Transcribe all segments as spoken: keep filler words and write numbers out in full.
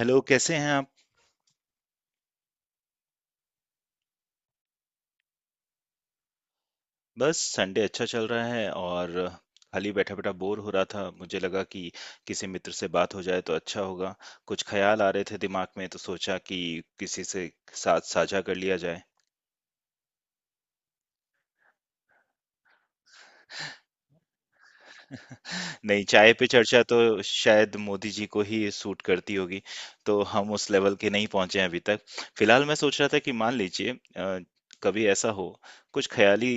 Hello, कैसे हैं आप। बस संडे अच्छा चल रहा है। और खाली बैठा बैठा बोर हो रहा था, मुझे लगा कि किसी मित्र से बात हो जाए तो अच्छा होगा। कुछ ख्याल आ रहे थे दिमाग में तो सोचा कि किसी से साथ साझा कर लिया जाए। नहीं, चाय पे चर्चा तो शायद मोदी जी को ही सूट करती होगी, तो हम उस लेवल के नहीं पहुंचे हैं अभी तक। फिलहाल मैं सोच रहा था कि मान लीजिए अ, कभी ऐसा हो, कुछ ख्याली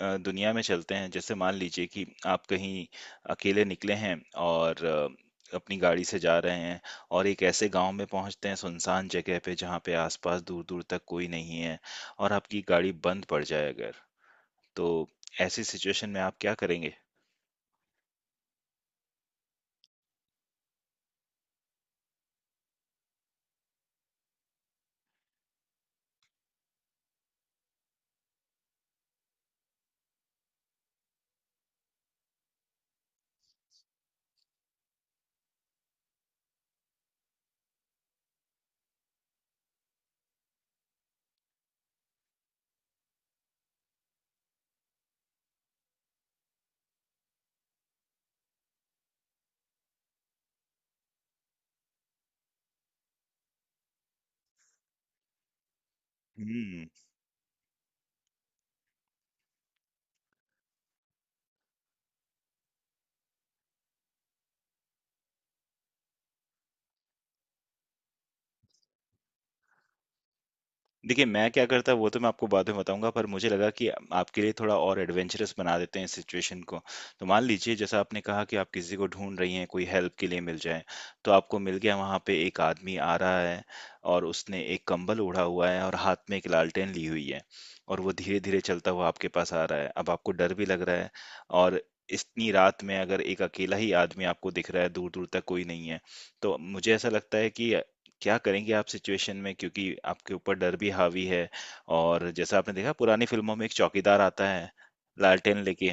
अ, दुनिया में चलते हैं। जैसे मान लीजिए कि आप कहीं अकेले निकले हैं और अ, अपनी गाड़ी से जा रहे हैं, और एक ऐसे गांव में पहुंचते हैं, सुनसान जगह पे जहां पे आसपास दूर दूर तक कोई नहीं है, और आपकी गाड़ी बंद पड़ जाए अगर, तो ऐसी सिचुएशन में आप क्या करेंगे। हम्म। देखिए, मैं क्या करता वो तो मैं आपको बाद में बताऊँगा, पर मुझे लगा कि आपके लिए थोड़ा और एडवेंचरस बना देते हैं इस सिचुएशन को। तो मान लीजिए जैसा आपने कहा कि आप किसी को ढूँढ रही हैं, कोई हेल्प के लिए मिल जाए, तो आपको मिल गया। वहाँ पे एक आदमी आ रहा है और उसने एक कंबल ओढ़ा हुआ है और हाथ में एक लालटेन ली हुई है, और वो धीरे-धीरे चलता हुआ आपके पास आ रहा है। अब आपको डर भी लग रहा है, और इतनी रात में अगर एक अकेला ही आदमी आपको दिख रहा है, दूर-दूर तक कोई नहीं है, तो मुझे ऐसा लगता है कि क्या करेंगे आप सिचुएशन में, क्योंकि आपके ऊपर डर भी हावी है। और जैसा आपने देखा पुरानी फिल्मों में एक चौकीदार आता है लालटेन लेके।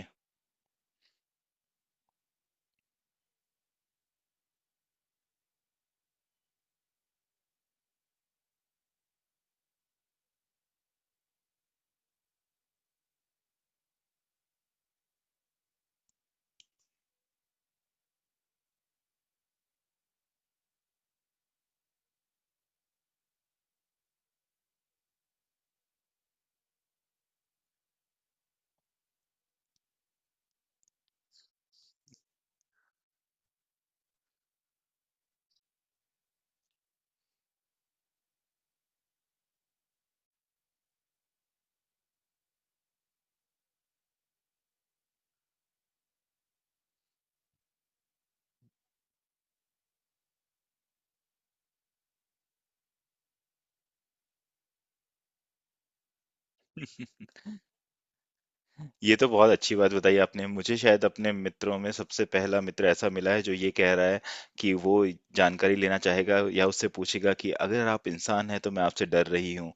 ये तो बहुत अच्छी बात बताई आपने। मुझे शायद अपने मित्रों में सबसे पहला मित्र ऐसा मिला है जो ये कह रहा है कि वो जानकारी लेना चाहेगा या उससे पूछेगा कि अगर आप इंसान हैं तो मैं आपसे डर रही हूँ,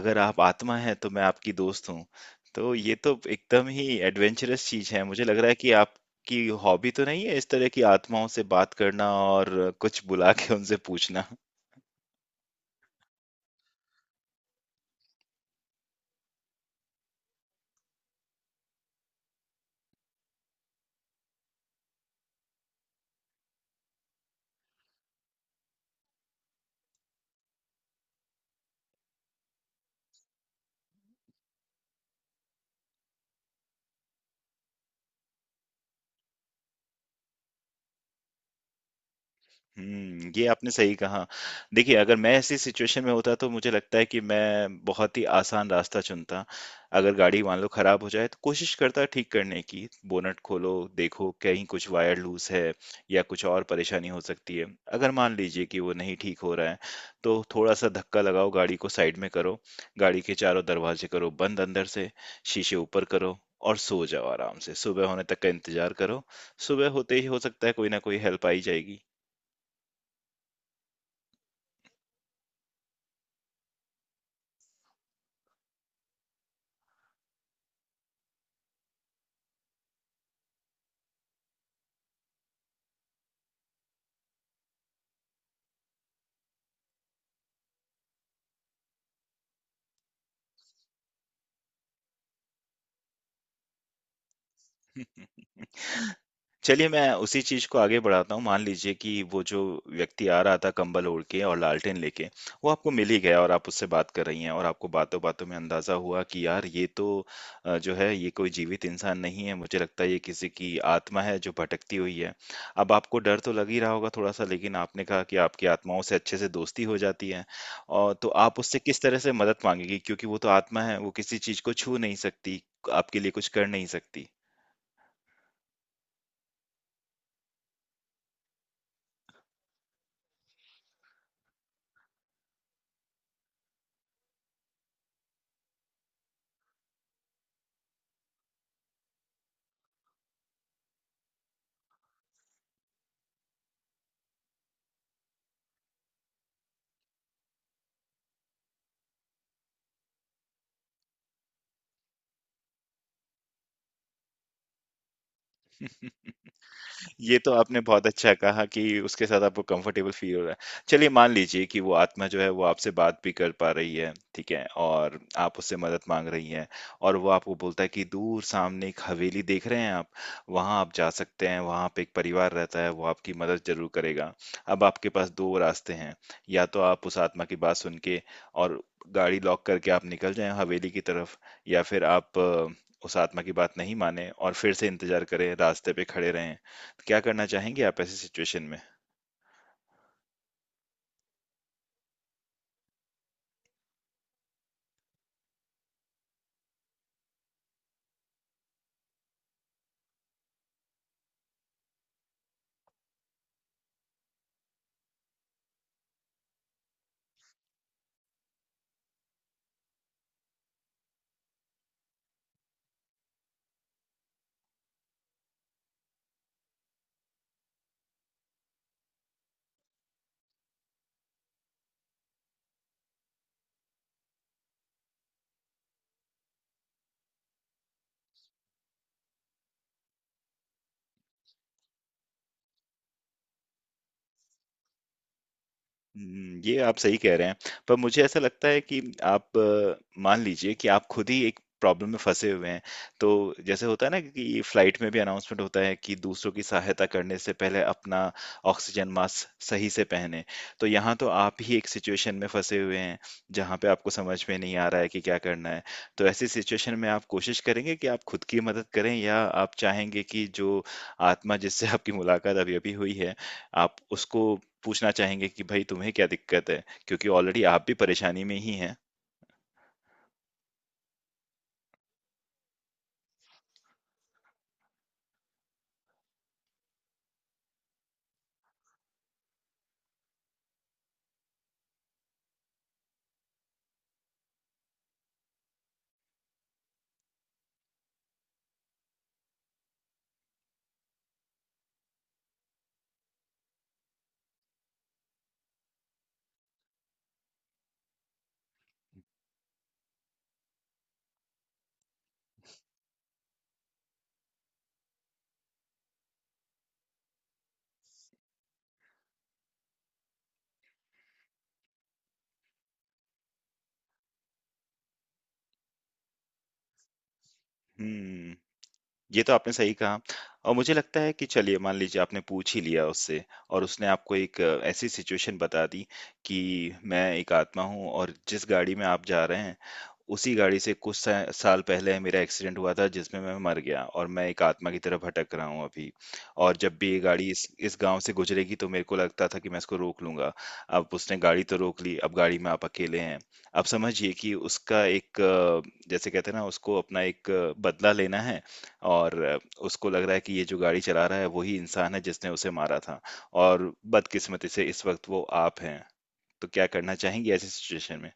अगर आप आत्मा हैं तो मैं आपकी दोस्त हूँ। तो ये तो एकदम ही एडवेंचरस चीज है। मुझे लग रहा है कि आपकी हॉबी तो नहीं है इस तरह की आत्माओं से बात करना और कुछ बुला के उनसे पूछना। हुँ, ये आपने सही कहा। देखिए, अगर मैं ऐसी सिचुएशन में होता तो मुझे लगता है कि मैं बहुत ही आसान रास्ता चुनता। अगर गाड़ी मान लो खराब हो जाए तो कोशिश करता ठीक करने की, बोनट खोलो, देखो कहीं कुछ वायर लूज़ है या कुछ और परेशानी हो सकती है। अगर मान लीजिए कि वो नहीं ठीक हो रहा है, तो थोड़ा-सा धक्का लगाओ, गाड़ी को साइड में करो, गाड़ी के चारों दरवाजे करो बंद अंदर से, शीशे ऊपर करो और सो जाओ आराम से। सुबह होने तक का इंतज़ार करो, सुबह होते ही हो सकता है कोई ना कोई हेल्प आ ही जाएगी। चलिए मैं उसी चीज को आगे बढ़ाता हूँ। मान लीजिए कि वो जो व्यक्ति आ रहा था कंबल ओढ़ के और लालटेन लेके, वो आपको मिल ही गया और आप उससे बात कर रही हैं, और आपको बातों बातों में अंदाजा हुआ कि यार ये तो अ, जो है ये कोई जीवित इंसान नहीं है। मुझे लगता है ये किसी की आत्मा है जो भटकती हुई है। अब आपको डर तो लग ही रहा होगा थोड़ा सा, लेकिन आपने कहा कि आपकी आत्माओं से अच्छे से दोस्ती हो जाती है, और तो आप उससे किस तरह से मदद मांगेगी, क्योंकि वो तो आत्मा है, वो किसी चीज को छू नहीं सकती, आपके लिए कुछ कर नहीं सकती। ये तो आपने बहुत अच्छा कहा कि उसके साथ आपको कंफर्टेबल फील हो रहा है। चलिए मान लीजिए कि वो आत्मा जो है वो आपसे बात भी कर पा रही है, ठीक है? और आप उससे मदद माँग रही हैं, और वो आपको बोलता है कि दूर सामने एक हवेली देख रहे हैं आप? वहाँ आप जा सकते हैं, वहाँ पे एक परिवार रहता है, वो आपकी मदद ज़रूर करेगा। अब आपके पास दो रास्ते हैं, या तो आप उस आत्मा की बात सुन के और गाड़ी लॉक करके आप निकल जाएँ हवेली की तरफ, या फिर आप अ, उस आत्मा की बात नहीं मानें और फिर से इंतज़ार करें, रास्ते पे खड़े रहें। क्या करना चाहेंगे आप ऐसी सिचुएशन में? हुँ, ये आप सही कह रहे हैं। पर मुझे ऐसा लगता है कि आप अ, मान लीजिए कि आप खुद ही एक प्रॉब्लम में फँसे हुए हैं, तो जैसे होता है ना कि फ्लाइट में भी अनाउंसमेंट होता है कि दूसरों की सहायता करने से पहले अपना ऑक्सीजन मास्क सही से पहनें। तो यहाँ तो आप ही एक सिचुएशन में फँसे हुए हैं, जहाँ पे आपको समझ में नहीं आ रहा है कि क्या करना है। तो ऐसी सिचुएशन में आप कोशिश करेंगे कि आप खुद की मदद करें, या आप चाहेंगे कि जो आत्मा जिससे आपकी मुलाकात अभी-अभी हुई है, आप उसको पूछना चाहेंगे कि भाई तुम्हें क्या दिक्कत है, क्योंकि ऑलरेडी आप भी परेशानी में ही हैं। हम्म। ये तो आपने सही कहा। और मुझे लगता है कि चलिए मान लीजिए आपने पूछ ही लिया उससे, और उसने आपको एक अ, ऐसी सिचुएशन बता दी कि मैं एक आत्मा हूँ, और जिस गाड़ी में आप जा रहे हैं उसी गाड़ी से कुछ सा साल पहले मेरा एक्सीडेंट हुआ था जिसमें मैं मर गया, और मैं एक आत्मा की तरह भटक रहा हूँ अभी। और जब भी ये गाड़ी इस इस गांव से गुजरेगी तो मेरे को लगता था कि मैं इसको रोक लूंगा। अब उसने गाड़ी तो रोक ली, अब गाड़ी में आप अकेले हैं। अब समझिए कि उसका एक अ, जैसे कहते हैं ना, उसको अपना एक अ, बदला लेना है, और अ, उसको लग रहा है कि ये जो गाड़ी चला रहा है वही इंसान है जिसने उसे मारा था, और बदकिस्मती से इस वक्त वो आप हैं। तो क्या करना चाहेंगे ऐसी सिचुएशन में।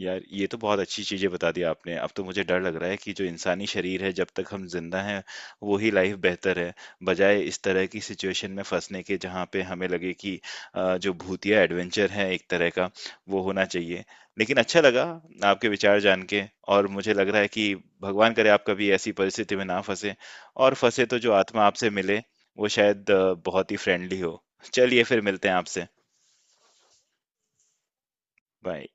यार, ये तो बहुत अच्छी चीजें बता दी आपने। अब तो मुझे डर लग रहा है कि जो इंसानी शरीर है, जब तक हम जिंदा हैं वो ही लाइफ बेहतर है, बजाय इस तरह की सिचुएशन में फंसने के जहाँ पे हमें लगे कि अ, जो भूतिया एडवेंचर है एक तरह का, वो होना चाहिए। लेकिन अच्छा लगा आपके विचार जान के। और मुझे लग रहा है कि भगवान करे आप कभी ऐसी परिस्थिति में ना फंसे, और फंसे तो जो आत्मा आपसे मिले वो शायद अ, बहुत ही फ्रेंडली हो। चलिए फिर मिलते हैं आपसे। बाय।